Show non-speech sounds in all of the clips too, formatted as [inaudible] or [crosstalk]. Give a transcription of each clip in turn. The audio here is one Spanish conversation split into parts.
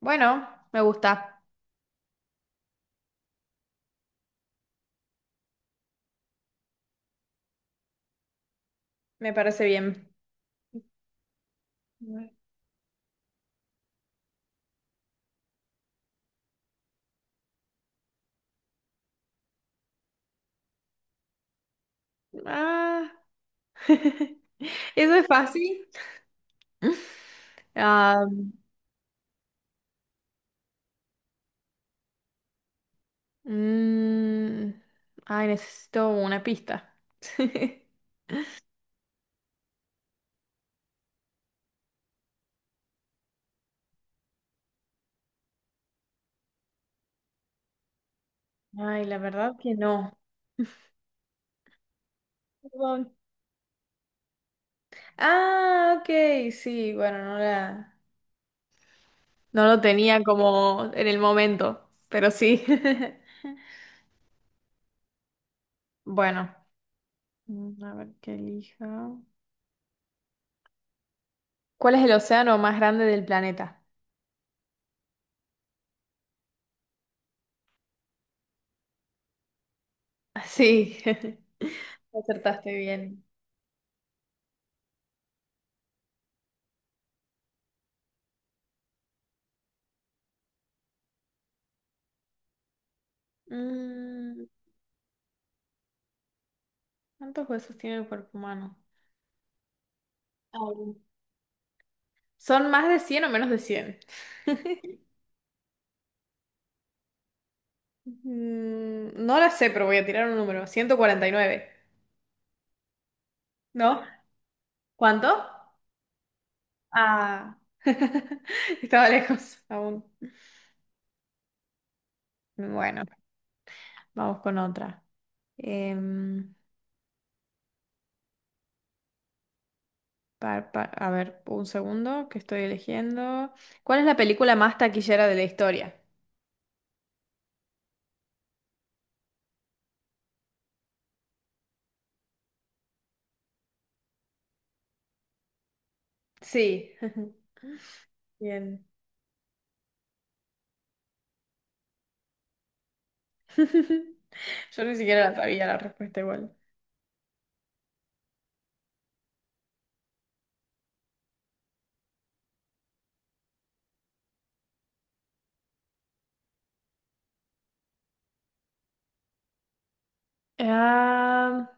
Bueno, me gusta, me parece bien. Ah, [laughs] eso es fácil. [laughs] Ah, mm, necesito una pista. [laughs] Ay, la verdad que no. Perdón. Ah, ok, sí, bueno, no lo tenía como en el momento, pero sí. [laughs] Bueno, a ver qué elija. ¿Cuál es el océano más grande del planeta? Sí, [laughs] acertaste bien. Mm, ¿Cuántos huesos tiene el cuerpo humano? Ay, ¿Son más de cien o menos de cien? [laughs] No la sé, pero voy a tirar un número. 149. ¿No? ¿Cuánto? Ah, [laughs] estaba lejos aún. Bueno, vamos con otra. Em, a ver, un segundo que estoy eligiendo. ¿Cuál es la película más taquillera de la historia? Sí, [laughs] bien. [laughs] Yo ni siquiera la sabía la respuesta igual. Ah,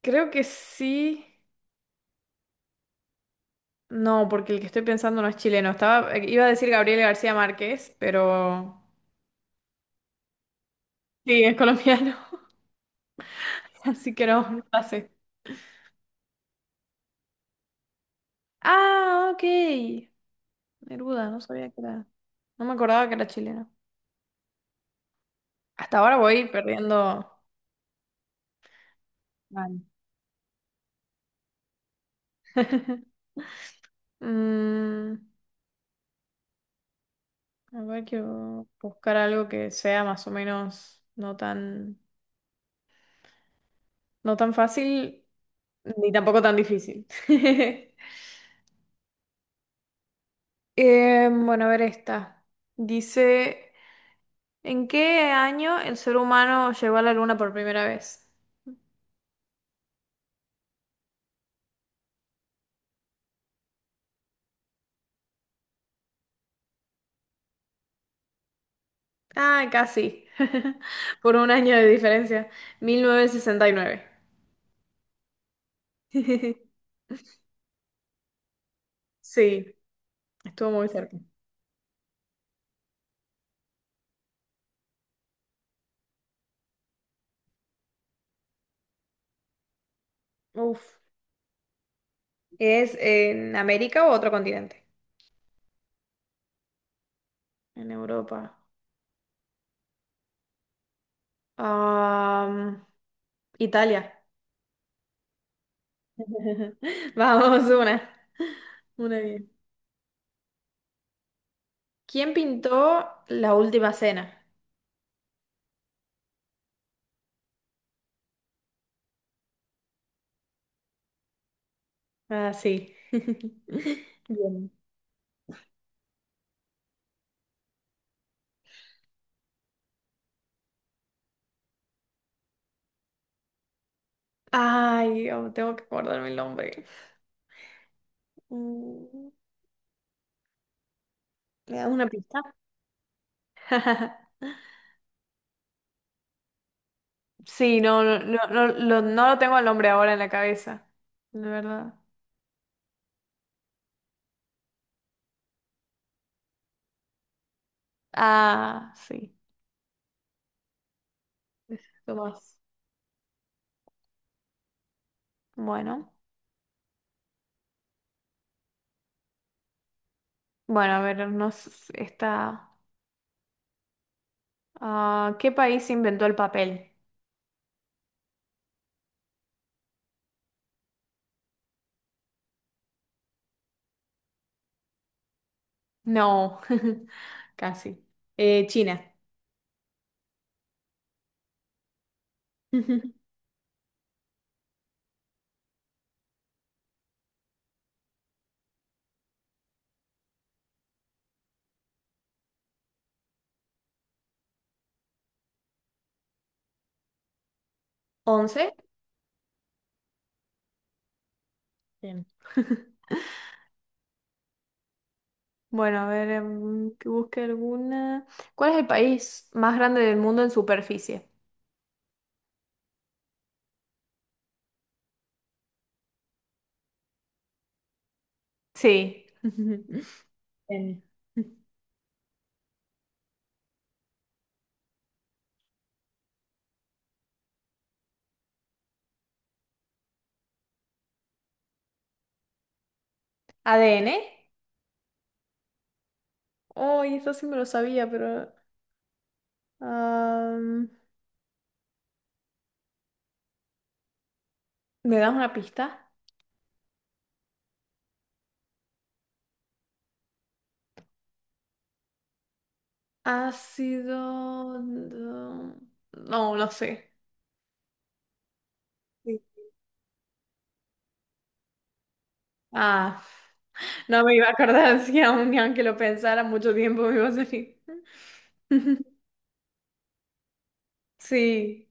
creo que sí. No, porque el que estoy pensando no es chileno. Estaba, iba a decir Gabriel García Márquez, pero sí, es colombiano, [laughs] así que no, no la sé. Ah, ok. Neruda, no sabía que era. No me acordaba que era chileno. Hasta ahora voy perdiendo. Vale. [laughs] Mm, a ver, quiero buscar algo que sea más o menos no tan fácil ni tampoco tan difícil. [laughs] Bueno, a ver esta. Dice, ¿en qué año el ser humano llegó a la luna por primera vez? Ah, casi. [laughs] Por un año de diferencia. 1969. [laughs] Sí, estuvo muy cerca. Uf. ¿Es en América o otro continente? En Europa. Am, Italia. [laughs] Vamos, una. Una bien. ¿Quién pintó La Última Cena? Ah, sí. [laughs] Bien. Ay, oh, tengo que acordarme el nombre. Mm, ¿Me das una pista? [laughs] Sí, no, lo no lo tengo el nombre ahora en la cabeza, de verdad. Ah, sí, Tomás. Bueno, bueno, a ver, nos está. ¿Qué país inventó el papel? No, [laughs] casi. China. [laughs] ¿Once? Bien. [laughs] Bueno, a ver, que busque alguna. ¿Cuál es el país más grande del mundo en superficie? Sí. [laughs] N. ADN. ¡Ay! Eso sí me lo sabía, pero... am, ¿me das una pista? Ácido... No, no sé. Sí. Ah, no me iba a acordar [laughs] si aún ni aunque lo pensara mucho tiempo me iba a salir. [laughs] Sí.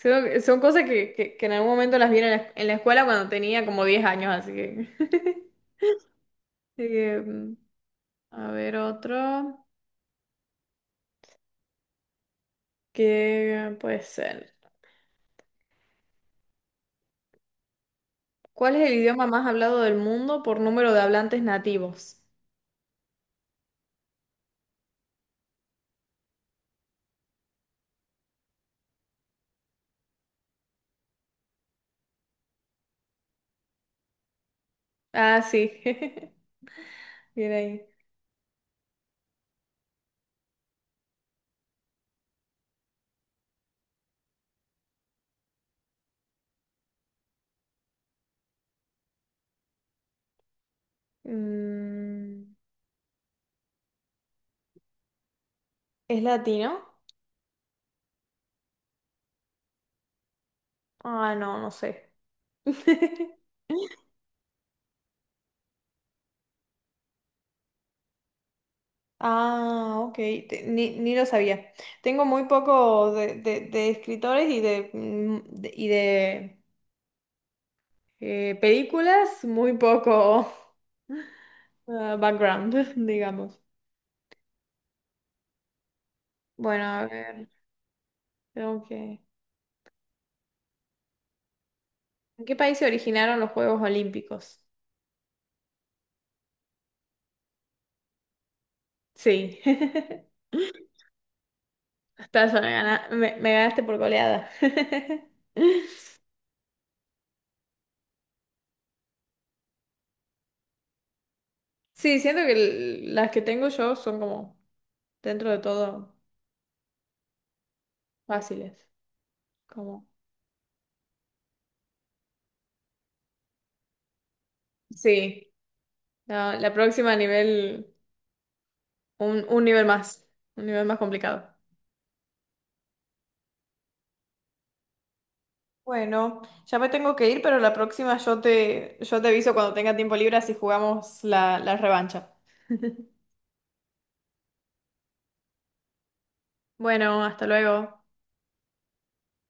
Son cosas que en algún momento las vi en la escuela cuando tenía como 10 años, así que... [laughs] Eh, a ver otro. ¿Qué puede ser? ¿Cuál es el idioma más hablado del mundo por número de hablantes nativos? Ah, sí. [laughs] Bien ahí. Mm, ¿Es latino? Ah, no, no sé. [laughs] Ah, ok. Ni, ni lo sabía. Tengo muy poco de, de escritores y de, de películas, muy poco [laughs] ah, background, [laughs] digamos. Bueno, a ver, tengo que... ¿En qué país se originaron los Juegos Olímpicos? Sí. [laughs] Estás, me ganaste por goleada. [laughs] Sí, siento que las que tengo yo son como, dentro de todo, fáciles. Como, sí, la próxima nivel, un, un nivel más, un nivel más complicado. Bueno, ya me tengo que ir, pero la próxima yo te aviso cuando tenga tiempo libre si jugamos la, la revancha. [laughs] Bueno, hasta luego.